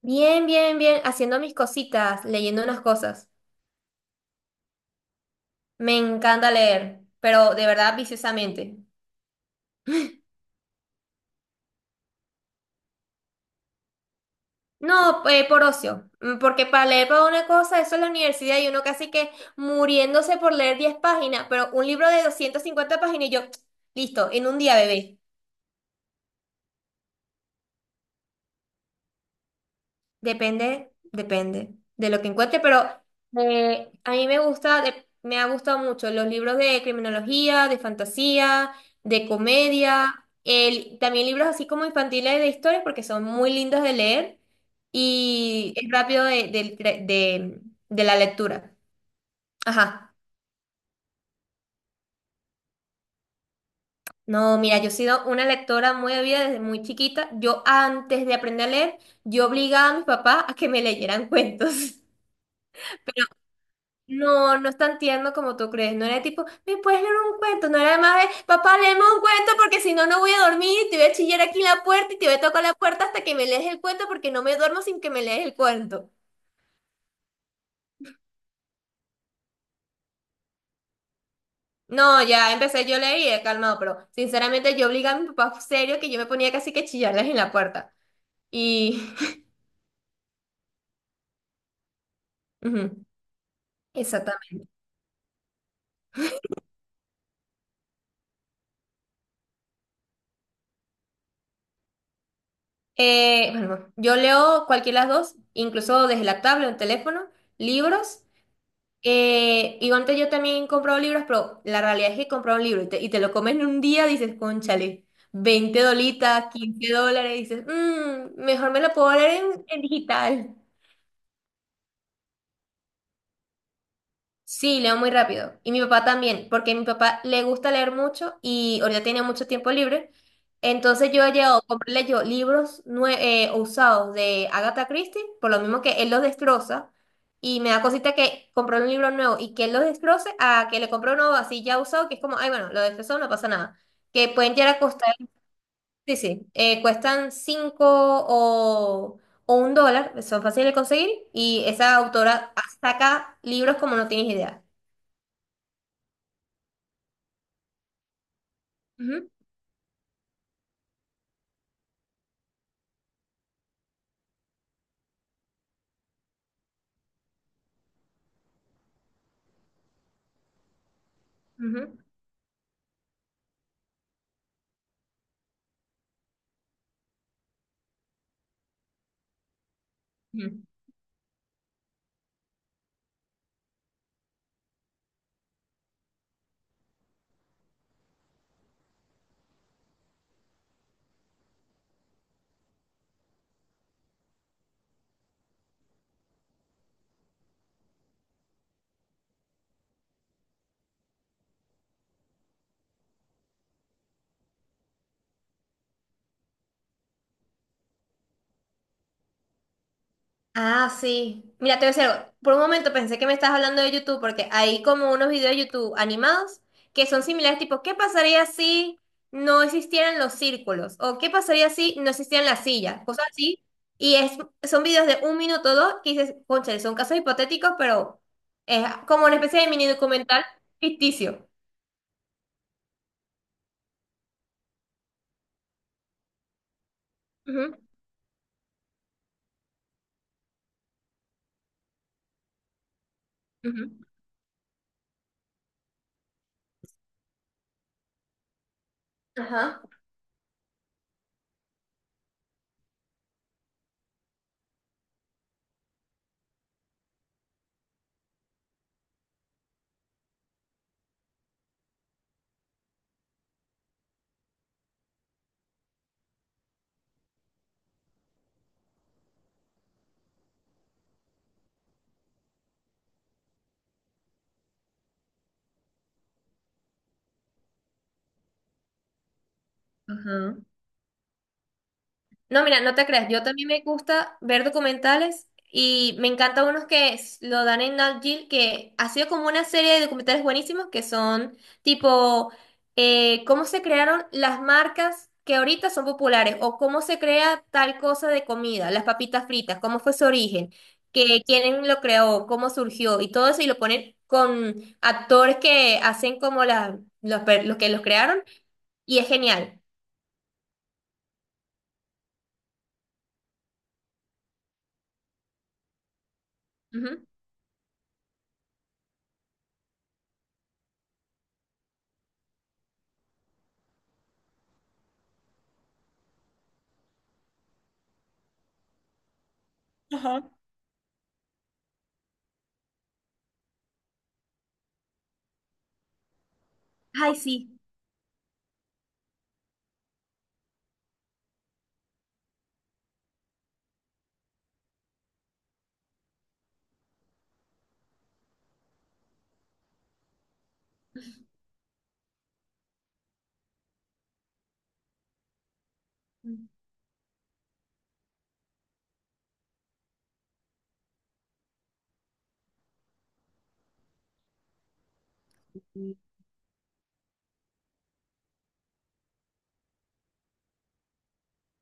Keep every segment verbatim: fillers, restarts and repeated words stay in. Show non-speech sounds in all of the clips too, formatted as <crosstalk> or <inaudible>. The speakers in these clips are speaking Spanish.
Bien, bien, bien, haciendo mis cositas, leyendo unas cosas. Me encanta leer, pero de verdad viciosamente. No, eh, por ocio. Mm, porque para leer para una cosa, eso es la universidad y uno casi que muriéndose por leer diez páginas, pero un libro de doscientas cincuenta páginas y yo, <tsk> listo, en un día, bebé. Depende, depende de lo que encuentre, pero eh, a mí me gusta, de- me ha gustado mucho los libros de criminología, de fantasía, de comedia, el, también libros así como infantiles de historia porque son muy lindos de leer y es rápido de, del cre- de, de la lectura. Ajá. No, mira, yo he sido una lectora muy avida desde muy chiquita. Yo antes de aprender a leer, yo obligaba a mi papá a que me leyeran cuentos. <laughs> No, no es tan tierno como tú crees. No era tipo, ¿me puedes leer un cuento? No era más de, papá, léeme un cuento porque si no, no voy a dormir y te voy a chillar aquí en la puerta y te voy a tocar la puerta hasta que me lees el cuento porque no me duermo sin que me lees el cuento. No, ya empecé yo a leer y he calmado, pero sinceramente yo obligaba a mi papá serio que yo me ponía casi que a chillarles en la puerta. Y... <laughs> ujú. Exactamente. Eh, bueno, yo leo cualquiera de las dos, incluso desde la tablet o el teléfono, libros. Eh, y antes yo también compraba libros, pero la realidad es que comprar un libro y te, y te lo comes en un día, dices, cónchale, veinte dolitas, quince dólares, dices, "Mm, mejor me lo puedo leer en, en digital. Sí, leo muy rápido. Y mi papá también, porque a mi papá le gusta leer mucho y ahorita tiene mucho tiempo libre. Entonces yo he llegado a comprarle yo libros nue- eh, usados de Agatha Christie, por lo mismo que él los destroza. Y me da cosita que compró un libro nuevo y que él lo destroce a que le compró uno así ya usado, que es como, ay, bueno, lo destrozó, no pasa nada. Que pueden llegar a costar, sí, sí, eh, cuestan cinco o, o un dólar, son fáciles de conseguir. Y esa autora saca libros como no tienes idea. Ujú, ujú, ujú. Ah, sí. Mira, te voy a decir algo. Por un momento pensé que me estabas hablando de YouTube, porque hay como unos videos de YouTube animados que son similares, tipo, ¿qué pasaría si no existieran los círculos? O ¿qué pasaría si no existieran las sillas? Cosas así. Y es, son videos de un minuto o dos que dices, cónchale, son casos hipotéticos, pero es como una especie de mini documental ficticio. Ujú, ujú. Ajá. Ajá. No, mira, no te creas. Yo también me gusta ver documentales y me encantan unos que s- lo dan en Nat Geo, que ha sido como una serie de documentales buenísimos que son tipo eh, cómo se crearon las marcas que ahorita son populares o cómo se crea tal cosa de comida, las papitas fritas, cómo fue su origen, que quién lo creó, cómo surgió y todo eso y lo ponen con actores que hacen como la, los, per- los que los crearon y es genial. Ujú. Ajá. Ay, sí.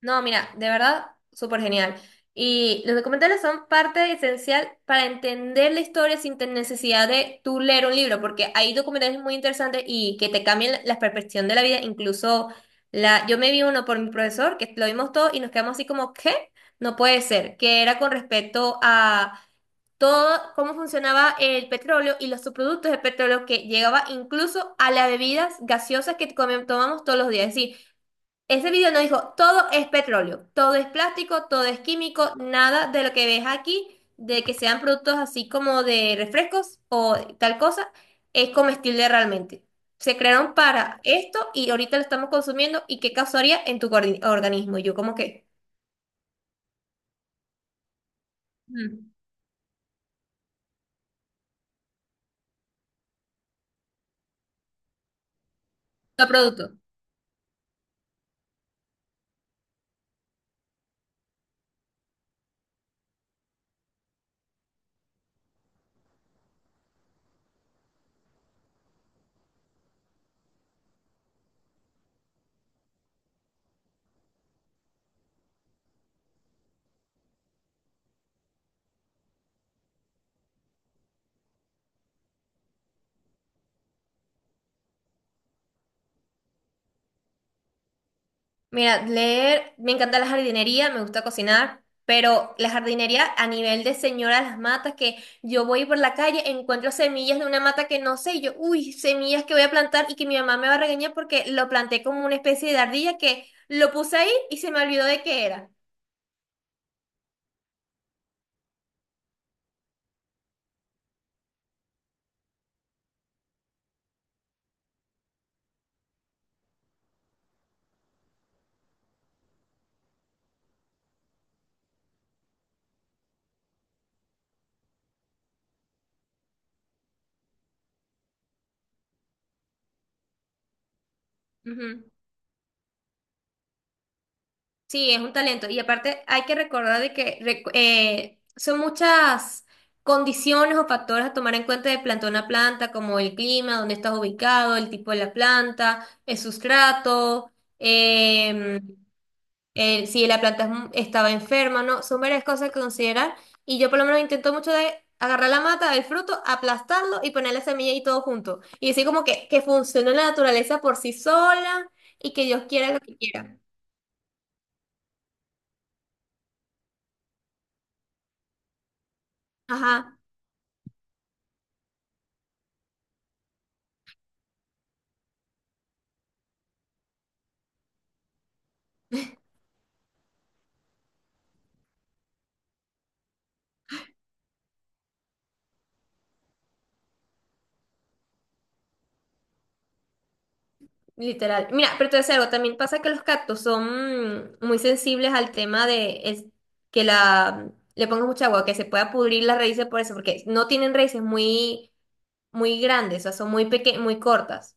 No, mira, de verdad, súper genial. Y los documentales son parte esencial para entender la historia sin tener necesidad de tú leer un libro, porque hay documentales muy interesantes y que te cambian la la percepción de la vida. Incluso la, yo me vi uno por mi profesor, que lo vimos todo y nos quedamos así como, ¿qué? No puede ser, que era con respecto a todo cómo funcionaba el petróleo y los subproductos del petróleo que llegaba incluso a las bebidas gaseosas que come- tomamos todos los días. Es Ese video nos dijo, todo es petróleo, todo es plástico, todo es químico, nada de lo que ves aquí, de que sean productos así como de refrescos o tal cosa, es comestible realmente. Se crearon para esto y ahorita lo estamos consumiendo y qué causaría en tu gordi- organismo. Y yo como que, mm, no producto. Mira, leer, me encanta la jardinería, me gusta cocinar, pero la jardinería a nivel de señora las matas, que yo voy por la calle, encuentro semillas de una mata que no sé, y yo, uy, semillas que voy a plantar y que mi mamá me va a regañar porque lo planté como una especie de ardilla que lo puse ahí y se me olvidó de qué era. Sí, es un talento. Y aparte hay que recordar de que recu- eh, son muchas condiciones o factores a tomar en cuenta de plantón a planta, como el clima, dónde estás ubicado, el tipo de la planta, el sustrato, eh, el- si la planta es mu- estaba enferma, ¿no? Son varias cosas que considerar. Y yo por lo menos intento mucho de agarrar la mata, el fruto, aplastarlo y poner la semilla y todo junto. Y decir como que, que funciona la naturaleza por sí sola y que Dios quiera lo que quiera. Ajá. Literal. Mira, pero te voy a decir algo, también pasa que los cactus son mm, muy sensibles al tema de es- que la le pongas mucha agua, que se pueda pudrir las raíces por eso, porque no tienen raíces muy, muy grandes, o sea, son muy peque muy cortas.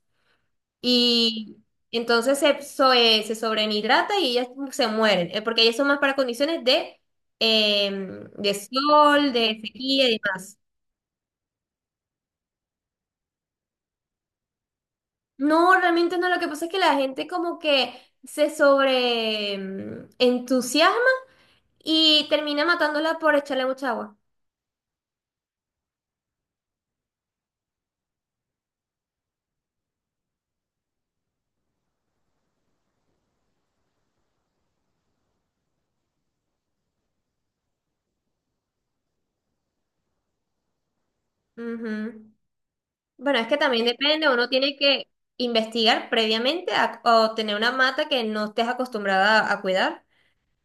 Y entonces se, so- eh, se sobrehidrata y ellas se mueren, eh, porque ellas son más para condiciones de, em, de sol, de sequía y demás. No, realmente no, lo que pasa es que la gente como que se sobre mm, entusiasma y termina matándola por echarle mucha agua. Ujú. Bueno, es que también depende, uno tiene que investigar previamente a- o tener una mata que no estés acostumbrada a, a cuidar.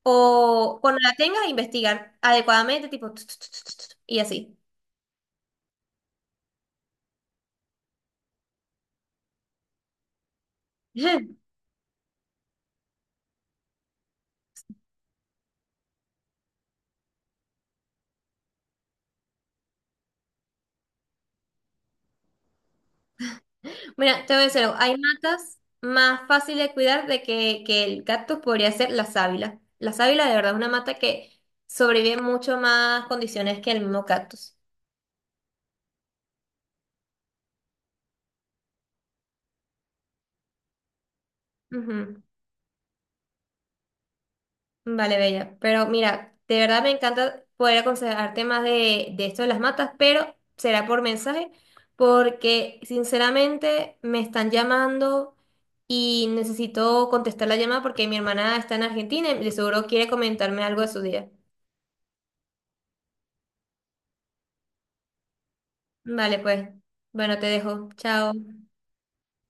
O cuando la tengas, investigar adecuadamente, tipo, tut, tut, tut, tut, tut, y así. <laughs> Mira, te voy a decir algo, hay matas más fáciles de cuidar de que, que el cactus podría ser la sábila. La sábila de verdad es una mata que sobrevive en mucho más condiciones que el mismo cactus. Ujú. Vale, Bella. Pero mira, de verdad me encanta poder aconsejarte más de, de esto de las matas, pero será por mensaje, porque sinceramente me están llamando y necesito contestar la llamada porque mi hermana está en Argentina y de seguro quiere comentarme algo de su día. Vale, pues. Bueno, te dejo. Chao.